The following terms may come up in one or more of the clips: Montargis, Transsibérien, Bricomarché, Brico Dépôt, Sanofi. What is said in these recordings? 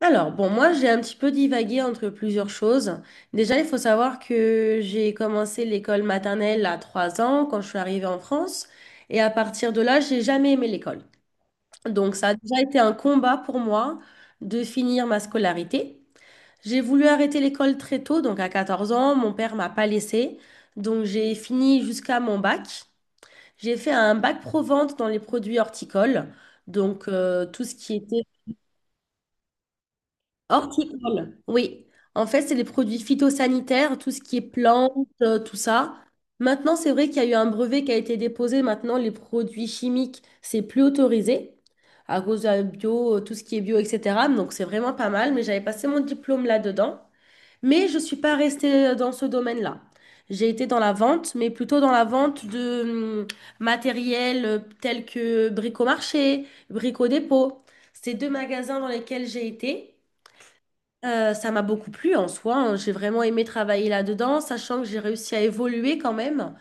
Alors, bon, moi, j'ai un petit peu divagué entre plusieurs choses. Déjà, il faut savoir que j'ai commencé l'école maternelle à 3 ans quand je suis arrivée en France. Et à partir de là, j'ai jamais aimé l'école. Donc, ça a déjà été un combat pour moi de finir ma scolarité. J'ai voulu arrêter l'école très tôt, donc à 14 ans, mon père m'a pas laissée. Donc, j'ai fini jusqu'à mon bac. J'ai fait un bac pro-vente dans les produits horticoles. Donc, tout ce qui était horticole, oui. En fait, c'est les produits phytosanitaires, tout ce qui est plantes, tout ça. Maintenant, c'est vrai qu'il y a eu un brevet qui a été déposé. Maintenant, les produits chimiques, c'est plus autorisé à cause de la bio, tout ce qui est bio, etc. Donc, c'est vraiment pas mal. Mais j'avais passé mon diplôme là-dedans. Mais je ne suis pas restée dans ce domaine-là. J'ai été dans la vente, mais plutôt dans la vente de matériel tel que Bricomarché, Brico Dépôt. C'est deux magasins dans lesquels j'ai été. Ça m'a beaucoup plu en soi, hein. J'ai vraiment aimé travailler là-dedans, sachant que j'ai réussi à évoluer quand même.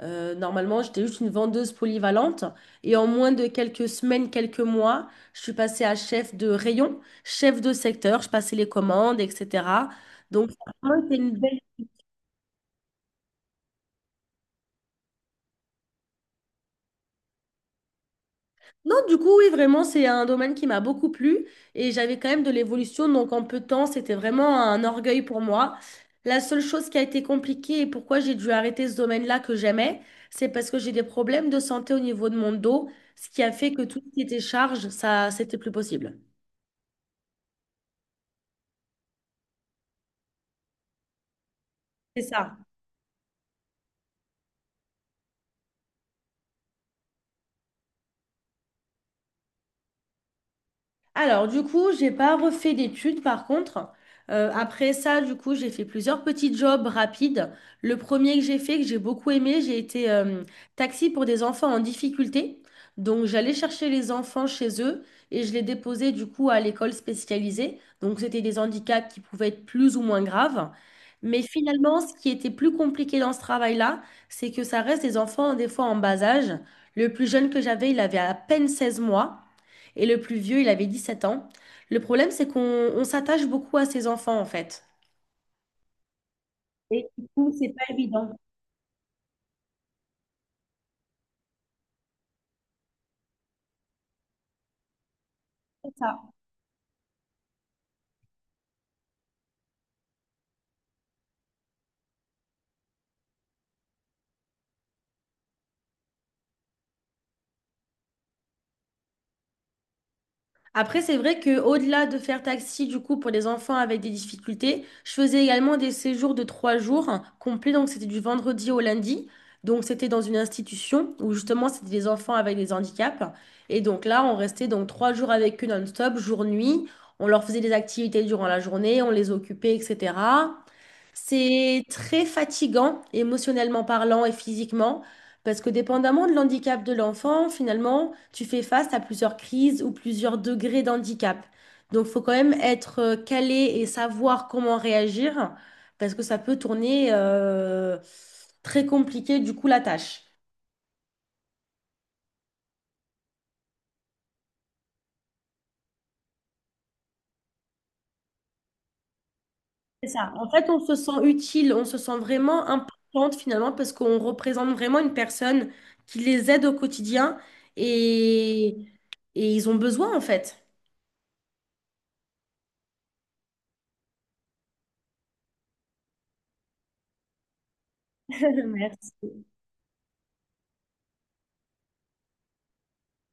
Normalement, j'étais juste une vendeuse polyvalente. Et en moins de quelques semaines, quelques mois, je suis passée à chef de rayon, chef de secteur. Je passais les commandes, etc. Donc, ça a vraiment été une belle. Non, du coup, oui, vraiment, c'est un domaine qui m'a beaucoup plu et j'avais quand même de l'évolution. Donc, en peu de temps, c'était vraiment un orgueil pour moi. La seule chose qui a été compliquée et pourquoi j'ai dû arrêter ce domaine-là que j'aimais, c'est parce que j'ai des problèmes de santé au niveau de mon dos, ce qui a fait que tout ce qui était charge, ça, c'était plus possible. C'est ça. Alors, du coup, j'ai pas refait d'études par contre. Après ça, du coup, j'ai fait plusieurs petits jobs rapides. Le premier que j'ai fait, que j'ai beaucoup aimé, j'ai été taxi pour des enfants en difficulté. Donc, j'allais chercher les enfants chez eux et je les déposais du coup à l'école spécialisée. Donc, c'était des handicaps qui pouvaient être plus ou moins graves. Mais finalement, ce qui était plus compliqué dans ce travail-là, c'est que ça reste des enfants des fois en bas âge. Le plus jeune que j'avais, il avait à peine 16 mois. Et le plus vieux, il avait 17 ans. Le problème, c'est qu'on on s'attache beaucoup à ses enfants, en fait. Et du coup, c'est pas évident. C'est ça. Après, c'est vrai que au-delà de faire taxi, du coup, pour les enfants avec des difficultés, je faisais également des séjours de 3 jours, hein, complets. Donc, c'était du vendredi au lundi. Donc, c'était dans une institution où justement, c'était des enfants avec des handicaps. Et donc là, on restait donc 3 jours avec eux non-stop, jour-nuit. On leur faisait des activités durant la journée, on les occupait, etc. C'est très fatigant, émotionnellement parlant et physiquement, parce que dépendamment de l'handicap de l'enfant, finalement, tu fais face à plusieurs crises ou plusieurs degrés d'handicap. Donc, il faut quand même être calé et savoir comment réagir, parce que ça peut tourner très compliqué, du coup, la tâche. C'est ça. En fait, on se sent utile, on se sent vraiment importante finalement parce qu'on représente vraiment une personne qui les aide au quotidien et, et ils ont besoin en fait. Merci. Je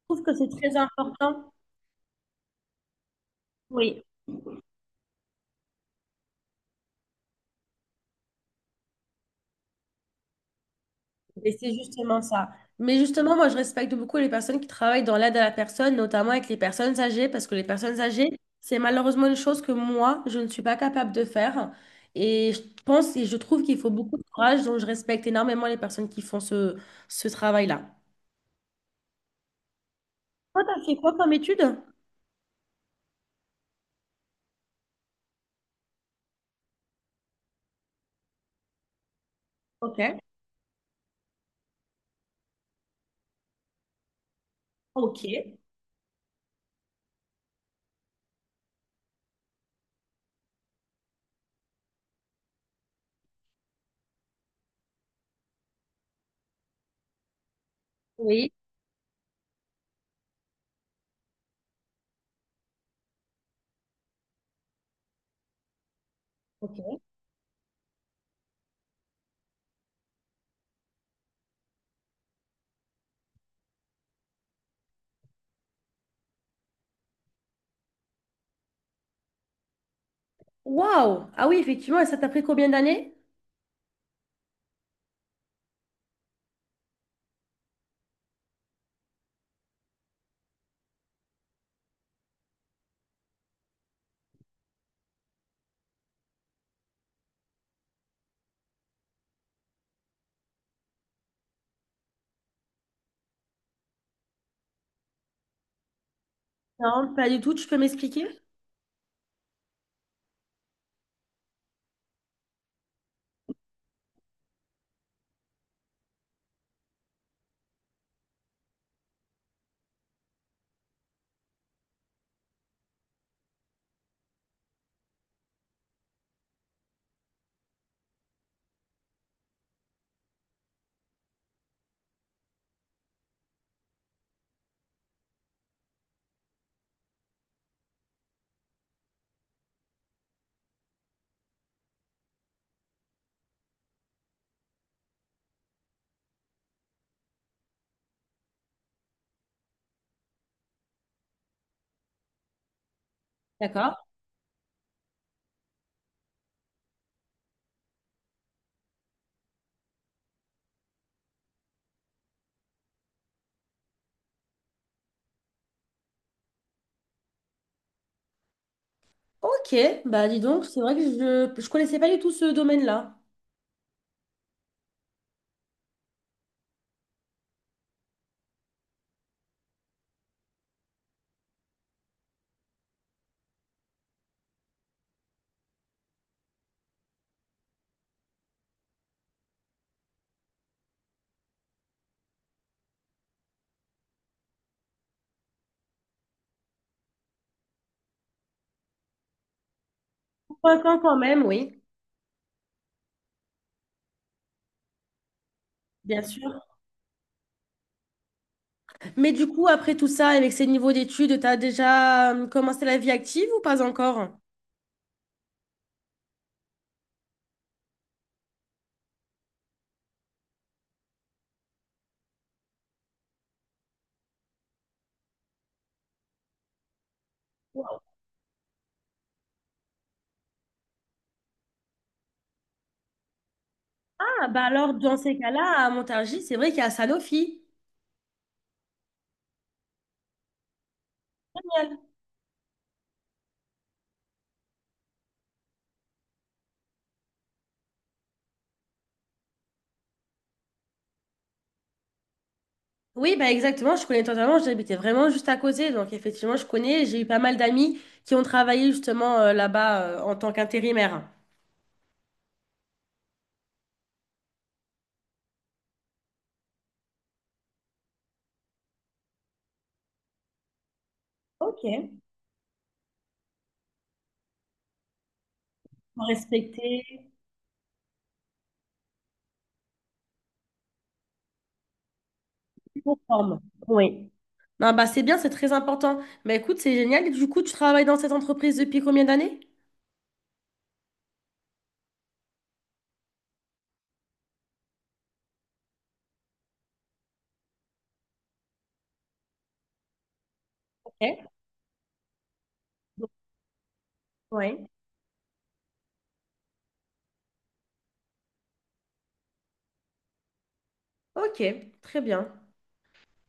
trouve que c'est très important. Oui. Et c'est justement ça. Mais justement, moi, je respecte beaucoup les personnes qui travaillent dans l'aide à la personne, notamment avec les personnes âgées, parce que les personnes âgées, c'est malheureusement une chose que moi, je ne suis pas capable de faire. Et je pense et je trouve qu'il faut beaucoup de courage, donc je respecte énormément les personnes qui font ce, ce travail-là. Toi, t'as fait quoi comme étude? Ok. Ok. Oui. Ok. Waouh! Ah oui, effectivement, et ça t'a pris combien d'années? Non, pas du tout, tu peux m'expliquer? D'accord. Ok, bah dis donc, c'est vrai que je ne connaissais pas du tout ce domaine-là. Convaincant quand même, oui, bien sûr. Mais du coup, après tout ça, avec ces niveaux d'études, tu as déjà commencé la vie active ou pas encore? Ah, bah alors, dans ces cas-là, à Montargis, c'est vrai qu'il y a Sanofi. Génial. Oui, bah exactement, je connais totalement, j'habitais vraiment juste à côté, donc effectivement, je connais, j'ai eu pas mal d'amis qui ont travaillé justement là-bas en tant qu'intérimaire. Ok. Pour respecter conforme. Oui. Non, bah c'est bien, c'est très important. Bah écoute, c'est génial. Et du coup, tu travailles dans cette entreprise depuis combien d'années? Ok. Oui. Ok, très bien.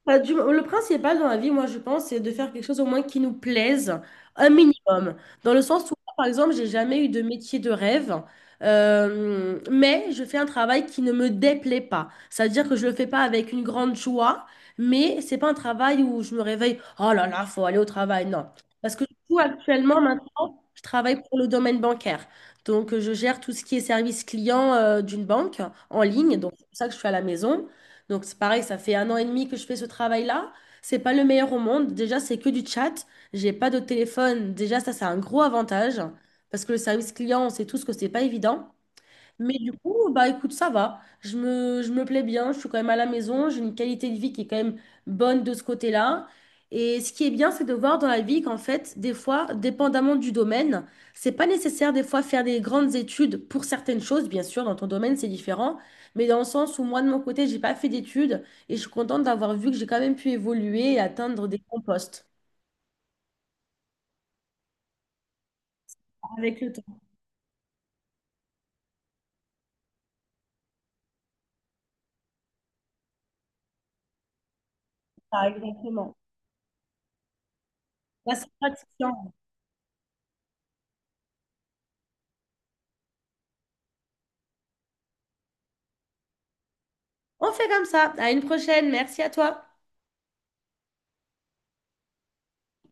Bah, du- le principal dans la vie, moi, je pense, c'est de faire quelque chose au moins qui nous plaise, un minimum. Dans le sens où, par exemple, j'ai jamais eu de métier de rêve, mais je fais un travail qui ne me déplaît pas. C'est-à-dire que je le fais pas avec une grande joie, mais c'est pas un travail où je me réveille, oh là là, faut aller au travail. Non. Parce que du coup, actuellement, maintenant, je travaille pour le domaine bancaire. Donc, je gère tout ce qui est service client, d'une banque en ligne. Donc, c'est pour ça que je suis à la maison. Donc c'est pareil, ça fait un an et demi que je fais ce travail-là. C'est pas le meilleur au monde. Déjà, c'est que du chat. J'ai pas de téléphone. Déjà, ça, c'est un gros avantage parce que le service client, on sait tous que c'est pas évident. Mais du coup, bah écoute, ça va. Je me plais bien, je suis quand même à la maison, j'ai une qualité de vie qui est quand même bonne de ce côté-là. Et ce qui est bien, c'est de voir dans la vie qu'en fait, des fois, dépendamment du domaine, c'est pas nécessaire des fois faire des grandes études pour certaines choses, bien sûr, dans ton domaine, c'est différent, mais dans le sens où moi, de mon côté, j'ai pas fait d'études et je suis contente d'avoir vu que j'ai quand même pu évoluer et atteindre des bons postes. Avec le temps, ah, exactement. Là, c'est pratique. On fait comme ça. À une prochaine. Merci à toi.